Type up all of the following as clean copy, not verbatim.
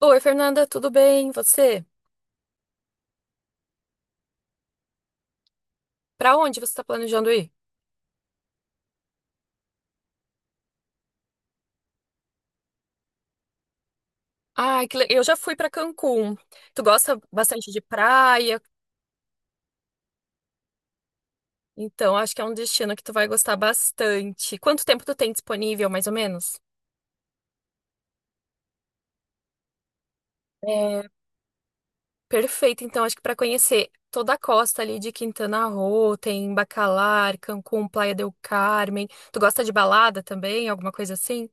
Oi, Fernanda, tudo bem? E você? Pra onde você tá planejando ir? Ai, que eu já fui pra Cancún. Tu gosta bastante de praia, então acho que é um destino que tu vai gostar bastante. Quanto tempo tu tem disponível, mais ou menos? É, perfeito. Então acho que para conhecer toda a costa ali de Quintana Roo, tem Bacalar, Cancún, Playa del Carmen. Tu gosta de balada também, alguma coisa assim?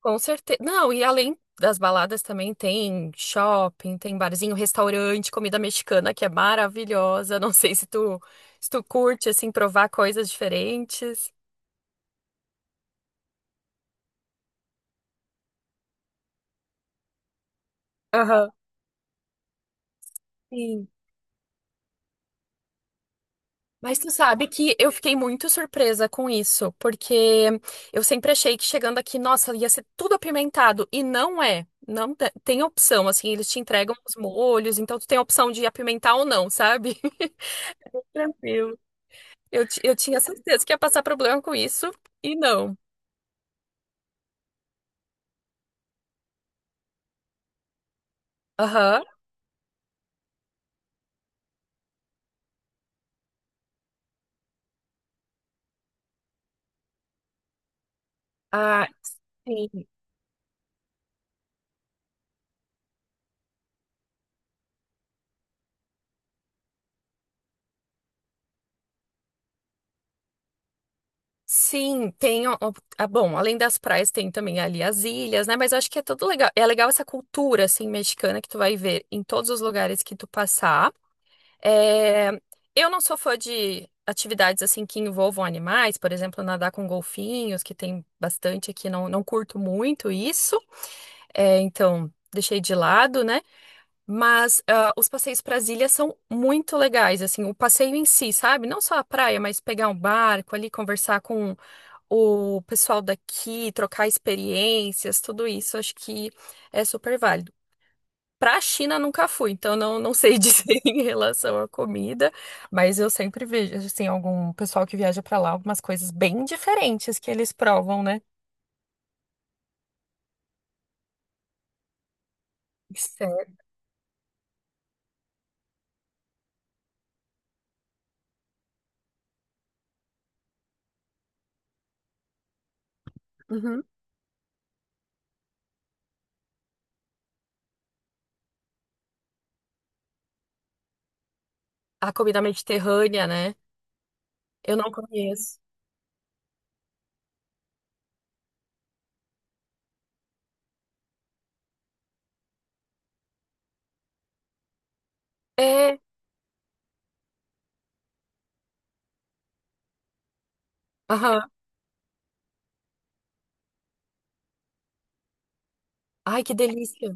Com certeza. Não, e além das baladas também tem shopping, tem barzinho, restaurante, comida mexicana que é maravilhosa. Não sei se tu, se tu curte, assim, provar coisas diferentes. Aham. Sim. Mas tu sabe que eu fiquei muito surpresa com isso, porque eu sempre achei que chegando aqui, nossa, ia ser tudo apimentado. E não é. Não te- Tem opção, assim, eles te entregam os molhos, então tu tem a opção de apimentar ou não, sabe? Tranquilo. Eu tinha certeza que ia passar problema com isso e não. Aham. Ah, sim. Sim, tem. Ah, bom, além das praias, tem também ali as ilhas, né? Mas eu acho que é tudo legal. É legal essa cultura, assim, mexicana que tu vai ver em todos os lugares que tu passar. É, eu não sou fã de atividades, assim, que envolvam animais, por exemplo, nadar com golfinhos, que tem bastante aqui, não, não curto muito isso. É, então, deixei de lado, né? Mas ah, os passeios para as ilhas são muito legais, assim, o passeio em si, sabe? Não só a praia, mas pegar um barco ali, conversar com o pessoal daqui, trocar experiências, tudo isso, acho que é super válido. Para a China nunca fui, então não, não sei dizer em relação à comida, mas eu sempre vejo, assim, algum pessoal que viaja para lá, algumas coisas bem diferentes que eles provam, né? Certo. Uhum. A comida mediterrânea, né? Eu não conheço. É, aham. Ai, que delícia.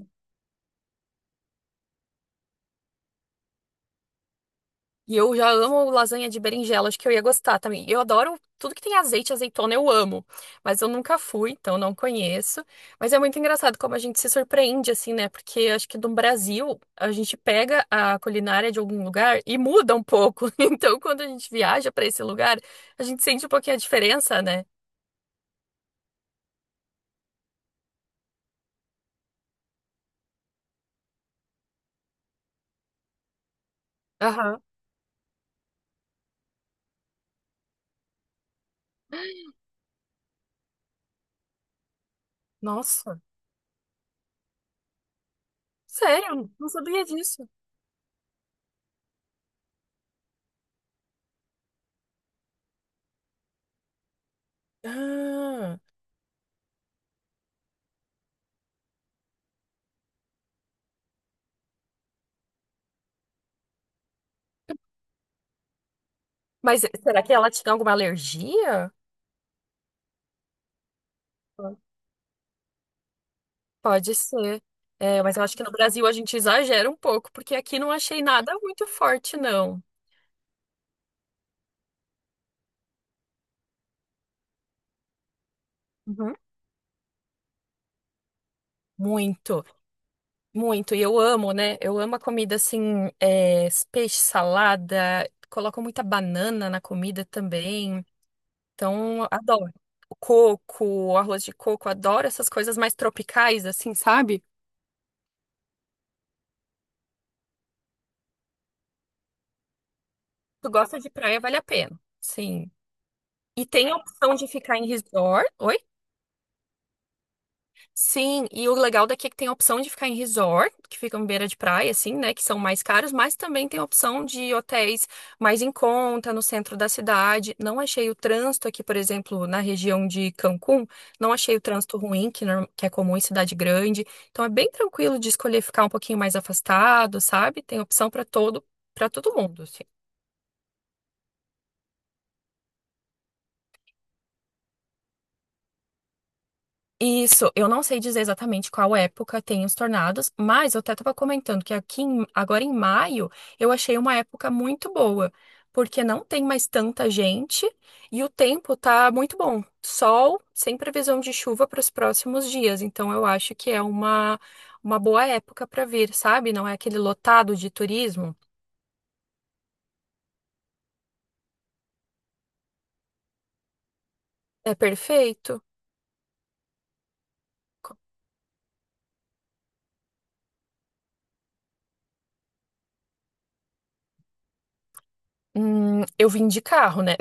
E eu já amo lasanha de berinjela, acho que eu ia gostar também. Eu adoro tudo que tem azeite, azeitona, eu amo. Mas eu nunca fui, então não conheço. Mas é muito engraçado como a gente se surpreende, assim, né? Porque acho que no Brasil a gente pega a culinária de algum lugar e muda um pouco. Então, quando a gente viaja pra esse lugar, a gente sente um pouquinho a diferença, né? Aham. Nossa, sério, não sabia disso. Ah. Mas será que ela tinha alguma alergia? Pode ser. É, mas eu acho que no Brasil a gente exagera um pouco, porque aqui não achei nada muito forte, não. Uhum. Muito, muito. E eu amo, né? Eu amo a comida assim, é, peixe, salada. Colocam muita banana na comida também. Então, adoro. O coco, o arroz de coco, adoro essas coisas mais tropicais, assim, sabe? Tu gosta de praia, vale a pena. Sim. E tem a opção de ficar em resort. Oi. Sim, e o legal daqui é que tem a opção de ficar em resort, que ficam em beira de praia, assim, né? Que são mais caros, mas também tem a opção de hotéis mais em conta, no centro da cidade. Não achei o trânsito aqui, por exemplo, na região de Cancún, não achei o trânsito ruim, que, que é comum em cidade grande. Então é bem tranquilo de escolher ficar um pouquinho mais afastado, sabe? Tem opção para todo mundo, assim. Isso, eu não sei dizer exatamente qual época tem os tornados, mas eu até estava comentando que agora em maio eu achei uma época muito boa, porque não tem mais tanta gente e o tempo tá muito bom. Sol, sem previsão de chuva para os próximos dias, então eu acho que é uma boa época para vir, sabe? Não é aquele lotado de turismo. É perfeito. Eu vim de carro, né?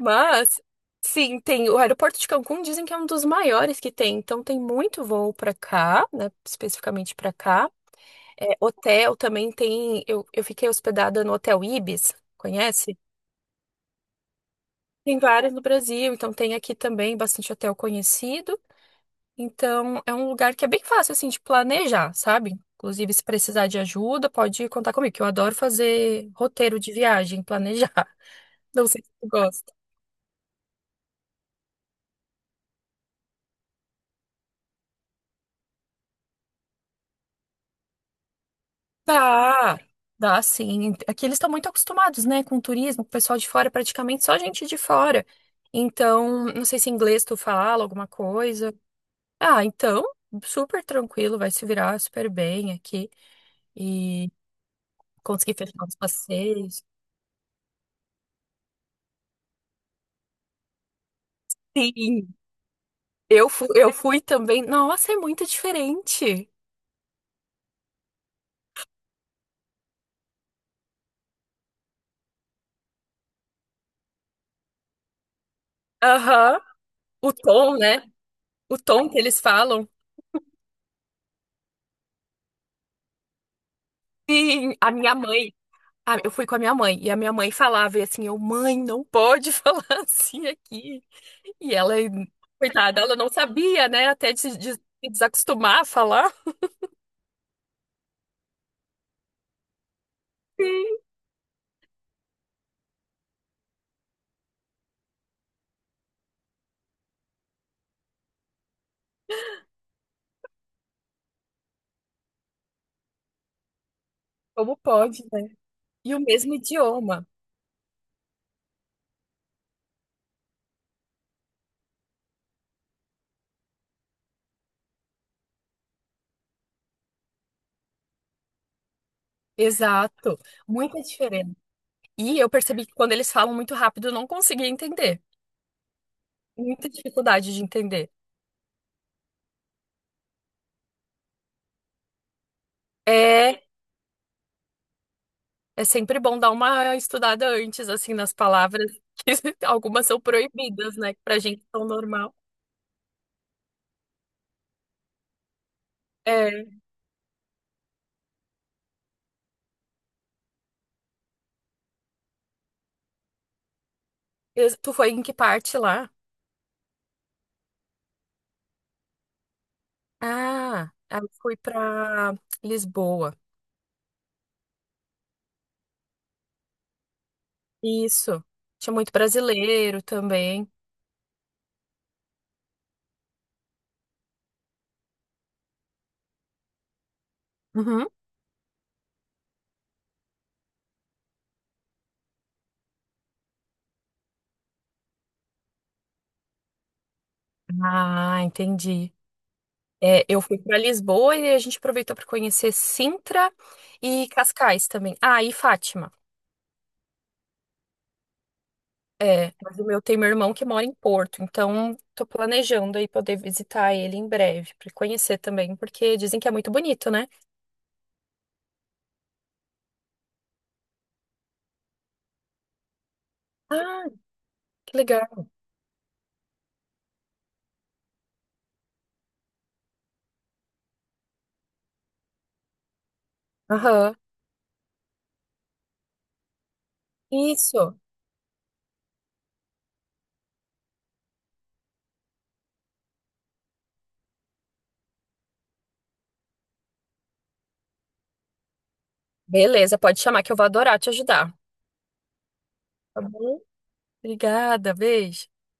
Mas, sim, tem o aeroporto de Cancún, dizem que é um dos maiores que tem, então tem muito voo para cá, né, especificamente para cá. É, hotel também tem, eu fiquei hospedada no Hotel Ibis, conhece? Tem vários no Brasil, então tem aqui também bastante hotel conhecido. Então, é um lugar que é bem fácil, assim, de planejar, sabe? Inclusive, se precisar de ajuda, pode contar comigo, que eu adoro fazer roteiro de viagem, planejar. Não sei se tu gosta. Dá, dá sim. Aqui eles estão muito acostumados, né, com o turismo, com o pessoal de fora, praticamente só gente de fora. Então, não sei se em inglês tu fala alguma coisa. Ah, então, super tranquilo, vai se virar super bem aqui e conseguir fechar os passeios. Sim, eu fui também. Nossa, é muito diferente. Aham, O tom, né? O tom que eles falam. Sim, a minha mãe. Ah, eu fui com a minha mãe e a minha mãe falava e assim, eu, mãe, não pode falar assim aqui. E ela, coitada, ela não sabia, né? Até de se desacostumar a falar. Sim. Como pode, né? E o mesmo idioma. Exato. Muita diferença. E eu percebi que quando eles falam muito rápido, eu não conseguia entender. Muita dificuldade de entender. É, é, sempre bom dar uma estudada antes, assim, nas palavras, que algumas são proibidas, né? Que pra gente é tão normal. É. Tu foi em que parte lá? Ah, aí eu fui pra Lisboa. Isso. Tinha muito brasileiro também. Uhum. Ah, entendi. É, eu fui para Lisboa e a gente aproveitou para conhecer Sintra e Cascais também. Ah, e Fátima. É, mas o meu tem meu irmão que mora em Porto, então tô planejando aí poder visitar ele em breve para conhecer também, porque dizem que é muito bonito, né? Ah, que legal. Aham. Isso. Beleza, pode chamar que eu vou adorar te ajudar. Tá bom? Obrigada, beijo. Tchau.